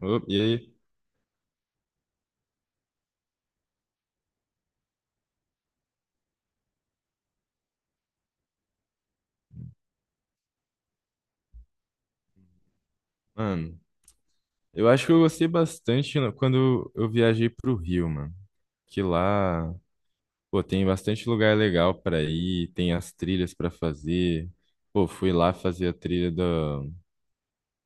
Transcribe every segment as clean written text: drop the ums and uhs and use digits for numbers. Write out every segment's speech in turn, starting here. Ô, e aí, mano, eu acho que eu gostei bastante quando eu viajei pro Rio, mano. Que lá, pô, tem bastante lugar legal pra ir, tem as trilhas pra fazer. Pô, fui lá fazer a trilha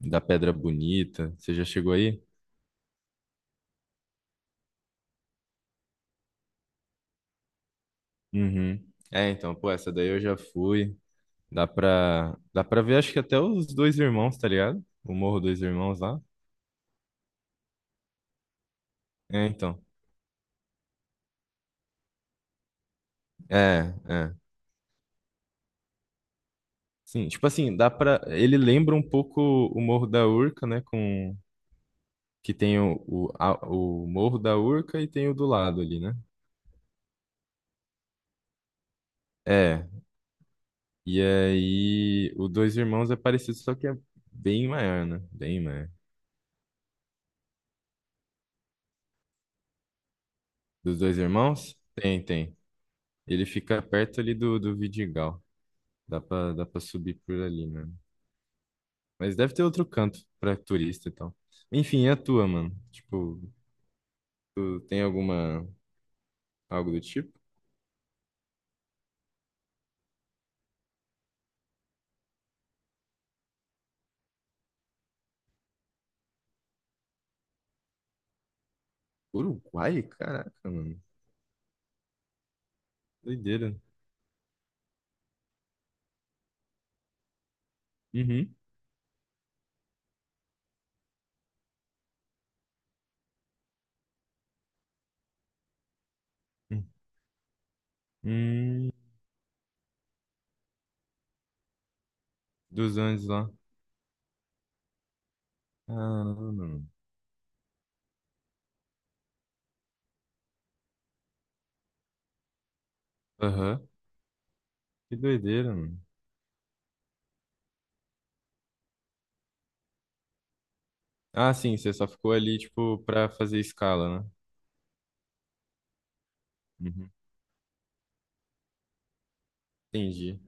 da Pedra Bonita. Você já chegou aí? Uhum. É, então, pô, essa daí eu já fui. Dá pra ver, acho que até os dois irmãos, tá ligado? O Morro Dois Irmãos lá. É, então. É, é. Sim, tipo assim, dá pra. Ele lembra um pouco o Morro da Urca, né? Com, que tem o Morro da Urca e tem o do lado ali, né? É, e aí o Dois Irmãos é parecido, só que é bem maior, né? Bem maior. Dos Dois Irmãos? Tem. Ele fica perto ali do Vidigal. Dá pra subir por ali, mano. Mas deve ter outro canto pra turista e tal. Enfim, é a tua, mano? Tipo, tu tem alguma, algo do tipo? Uruguai? Caraca, mano. Doideira. Uhum. Hum, hum. Dos Andes lá. Caramba, mano. Aham. Que doideira, mano. Ah, sim, você só ficou ali, tipo, pra fazer escala, né? Uhum. Entendi.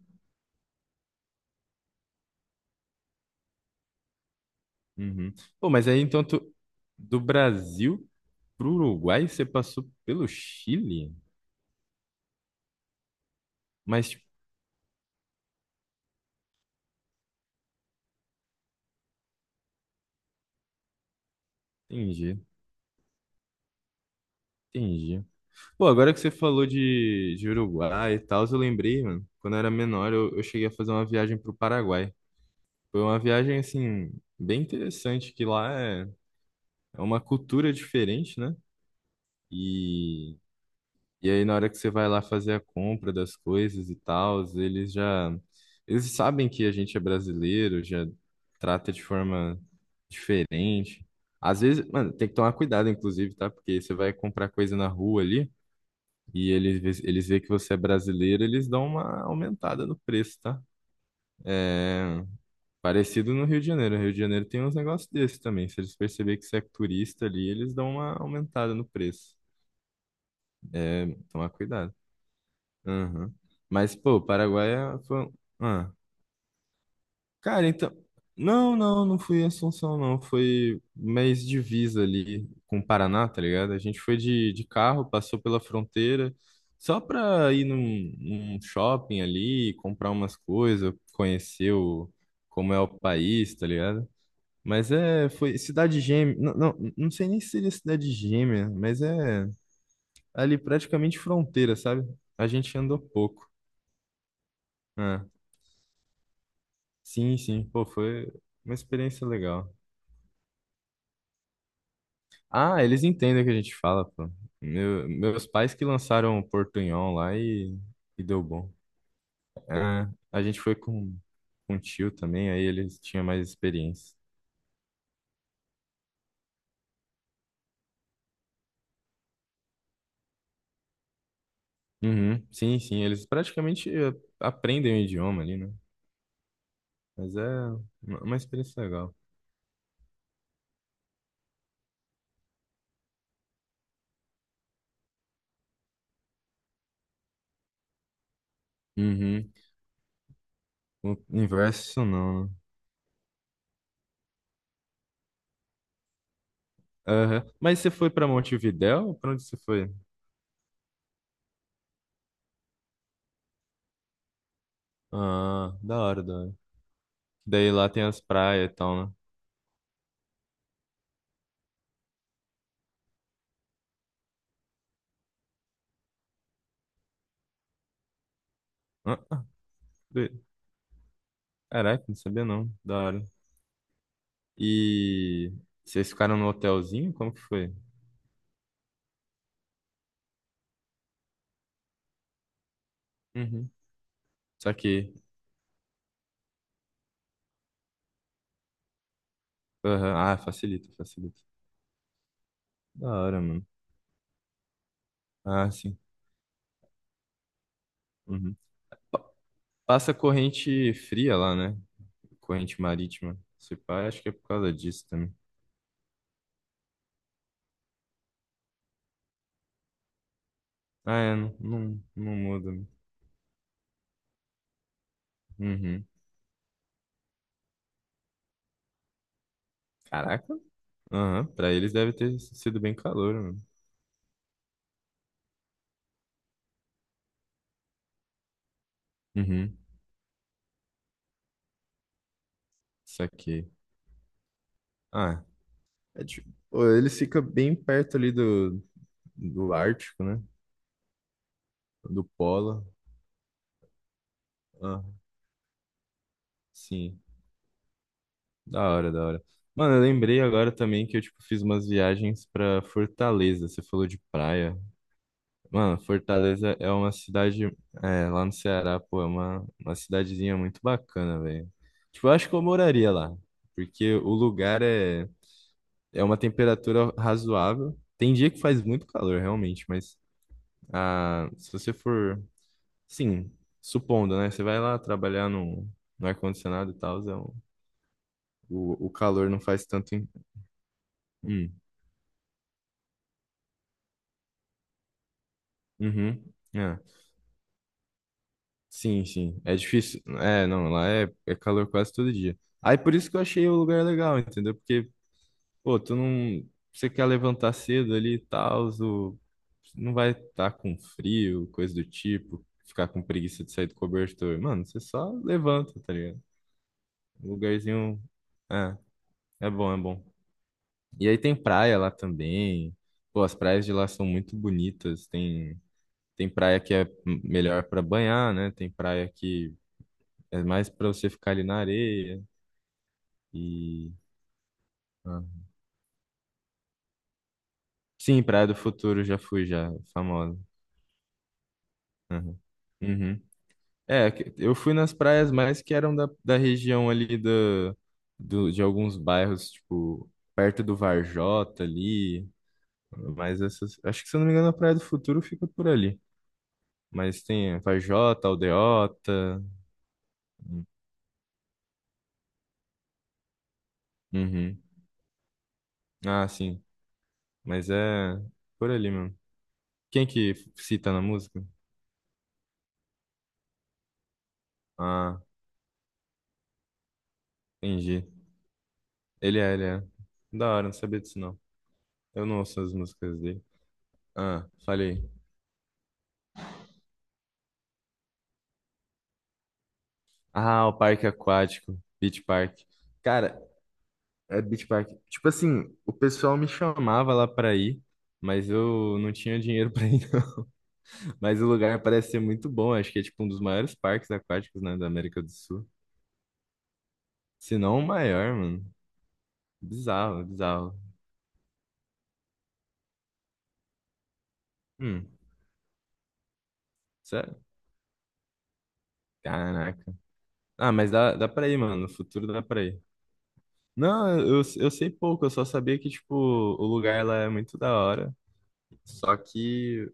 Uhum. Pô, mas aí então tu, do Brasil pro Uruguai, você passou pelo Chile? Mas, tipo, entendi, entendi. Pô, agora que você falou de Uruguai e tal, eu lembrei, mano, quando eu era menor, eu cheguei a fazer uma viagem pro Paraguai. Foi uma viagem, assim, bem interessante, que lá é, é uma cultura diferente, né? E e aí, na hora que você vai lá fazer a compra das coisas e tal, eles já. Eles sabem que a gente é brasileiro, já trata de forma diferente. Às vezes, mano, tem que tomar cuidado, inclusive, tá? Porque você vai comprar coisa na rua ali e eles veem que você é brasileiro, eles dão uma aumentada no preço, tá? É. Parecido no Rio de Janeiro. O Rio de Janeiro tem uns negócios desses também. Se eles perceberem que você é turista ali, eles dão uma aumentada no preço. É, tomar cuidado. Aham. Mas, pô, Paraguai foi. Ah. Cara, então. Não fui em Assunção, não. Foi mês divisa ali com o Paraná, tá ligado? A gente foi de carro, passou pela fronteira, só pra ir num, num shopping ali, comprar umas coisas, conhecer o, como é o país, tá ligado? Mas é, foi cidade gêmea. Não sei nem se seria cidade gêmea, mas é ali praticamente fronteira, sabe? A gente andou pouco. É. Sim, sim, pô, foi uma experiência legal. Ah, eles entendem o que a gente fala, pô. Meus pais que lançaram o Portunhol lá e deu bom. É, a gente foi com o tio também, aí eles tinham mais experiência. Uhum, sim, sim, eles praticamente aprendem o idioma ali, né? Mas é uma experiência legal. Uhum, o inverso não, né? Aham. Mas você foi pra Montevidéu ou pra onde você foi? Ah, da hora, da hora. Daí lá tem as praias e tal, né? Doido. Caraca, não sabia não. Da hora. E vocês ficaram no hotelzinho? Como que foi? Uhum. Só que. Aham, ah, facilita, facilita. Da hora, mano. Ah, sim. Uhum. Pa- Passa corrente fria lá, né? Corrente marítima. Se pá, acho que é por causa disso também. Ah, é, não muda, né? Uhum. Caraca. Aham, pra eles deve ter sido bem calor, mano. Uhum. Saquei. Ah, é tipo, pô, eles ficam bem perto ali do Ártico, né? Do Polo. Ah, sim. Da hora, da hora. Mano, eu lembrei agora também que eu, tipo, fiz umas viagens pra Fortaleza. Você falou de praia. Mano, Fortaleza é uma cidade, é, lá no Ceará, pô, é uma cidadezinha muito bacana, velho. Tipo, eu acho que eu moraria lá, porque o lugar é, é uma temperatura razoável. Tem dia que faz muito calor, realmente, mas ah, se você for, sim, supondo, né? Você vai lá trabalhar no ar-condicionado e tal, é um o calor não faz tanto. Hum, uhum, é. Sim, sim. É difícil. É, não, lá é, é calor quase todo dia. Aí por isso que eu achei o lugar legal, entendeu? Porque, pô, tu não. Você quer levantar cedo ali e tal, não vai estar com frio, coisa do tipo, ficar com preguiça de sair do cobertor. Mano, você só levanta, tá ligado? Um lugarzinho. É, é bom, é bom. E aí tem praia lá também. Pô, as praias de lá são muito bonitas. Tem. Tem praia que é melhor para banhar, né? Tem praia que é mais para você ficar ali na areia e ah. Sim, Praia do Futuro já fui já, famosa. Aham. Uhum. É, eu fui nas praias mais que eram da região ali de alguns bairros, tipo, perto do Varjota ali, mas essas, acho que se eu não me engano a Praia do Futuro fica por ali, mas tem a Varjota, Aldeota, uhum. Ah, sim, mas é por ali mesmo. Quem que cita na música? Ah, entendi. Ele é. Da hora, não sabia disso não. Eu não ouço as músicas dele. Ah, falei. Ah, o parque aquático, Beach Park. Cara, é Beach Park. Tipo assim, o pessoal me chamava lá pra ir, mas eu não tinha dinheiro pra ir, não. Mas o lugar parece ser muito bom. Acho que é tipo um dos maiores parques aquáticos, né, da América do Sul. Se não o maior, mano. Bizarro, bizarro. Hum, sério? Caraca. Ah, mas dá pra ir, mano. No futuro dá pra ir. Não, eu sei pouco, eu só sabia que, tipo, o lugar lá é muito da hora. Só que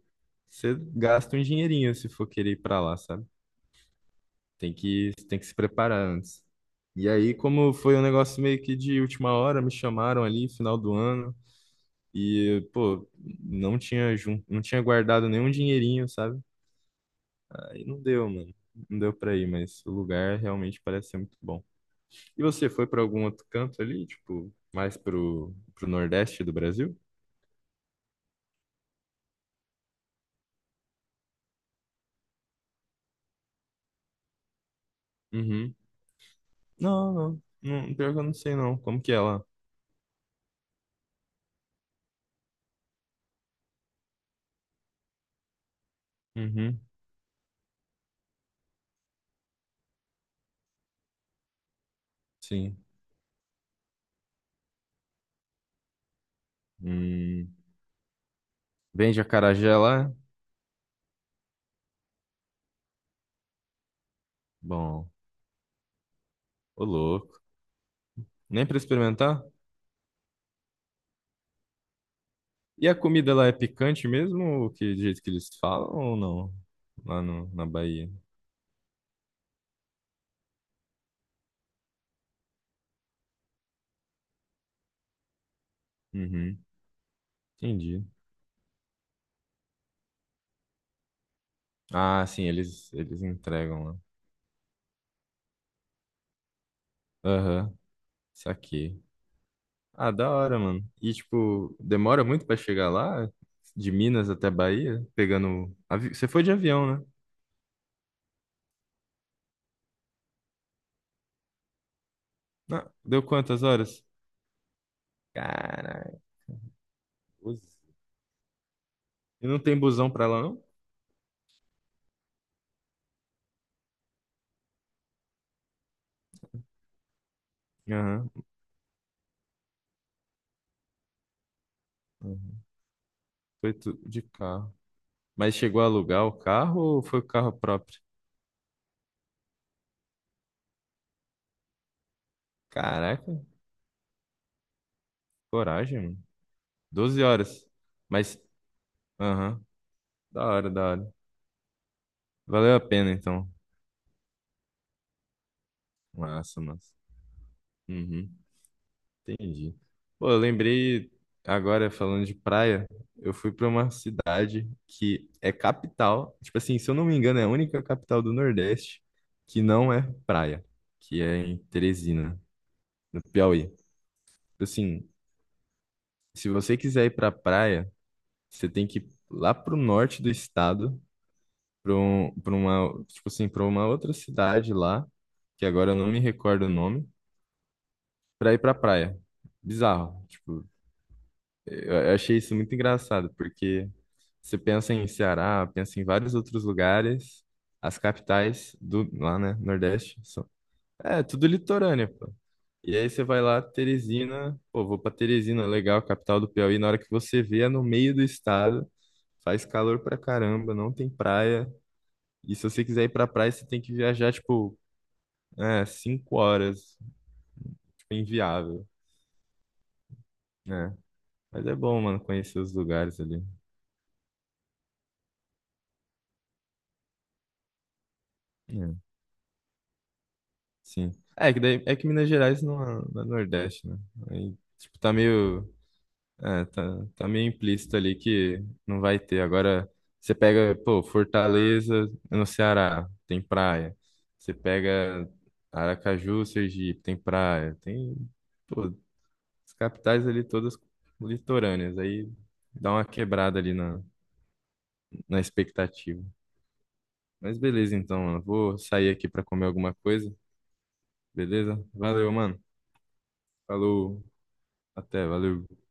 você gasta um dinheirinho se for querer ir pra lá, sabe? Tem que se preparar antes. E aí, como foi um negócio meio que de última hora, me chamaram ali, final do ano, e, pô, não tinha, não tinha guardado nenhum dinheirinho, sabe? Aí não deu, mano. Não deu pra ir, mas o lugar realmente parece ser muito bom. E você foi pra algum outro canto ali, tipo, mais pro Nordeste do Brasil? Uhum. Não. Pior que eu não sei, não. Como que é lá? Uhum. Sim. Hum. Vende acarajé lá? Bom, ô louco. Nem pra experimentar? E a comida lá é picante mesmo? Ou que, do jeito que eles falam ou não? Lá no, na Bahia. Uhum. Entendi. Ah, sim, eles entregam lá. Aham, saquei. Ah, da hora, mano. E, tipo, demora muito pra chegar lá? De Minas até Bahia? Pegando. Você foi de avião, né? Ah, deu quantas horas? Caralho. E não tem busão pra lá, não? Aham. Aham. Foi tudo de carro. Mas chegou a alugar o carro ou foi o carro próprio? Caraca, coragem, mano. 12 horas. Mas, aham, da hora, da hora. Valeu a pena, então. Massa, massa. Uhum. Entendi. Pô, eu lembrei agora falando de praia, eu fui pra uma cidade que é capital, tipo assim, se eu não me engano, é a única capital do Nordeste que não é praia, que é em Teresina, no Piauí. Tipo assim, se você quiser ir pra praia, você tem que ir lá pro norte do estado, pra um, pra uma, tipo assim, para uma outra cidade lá, que agora eu não me recordo o nome, pra ir pra praia. Bizarro, tipo eu achei isso muito engraçado, porque você pensa em Ceará, pensa em vários outros lugares, as capitais do lá, né, Nordeste, são, é tudo litorânea, pô. E aí você vai lá, Teresina, pô, vou pra Teresina, legal, capital do Piauí, na hora que você vê, é no meio do estado, faz calor pra caramba, não tem praia, e se você quiser ir pra praia, você tem que viajar, tipo, é, 5 horas, tipo, inviável, né? Mas é bom, mano, conhecer os lugares ali. Sim. É que, daí, é que Minas Gerais não é, não é Nordeste, né? Aí, tipo, tá meio, é, tá meio implícito ali que não vai ter. Agora, você pega, pô, Fortaleza é no Ceará, tem praia. Você pega Aracaju, Sergipe, tem praia. Tem, pô, as capitais ali todas litorâneas. Aí dá uma quebrada ali na expectativa. Mas beleza, então, mano. Vou sair aqui pra comer alguma coisa, beleza? Valeu, mano. Falou. Até, valeu.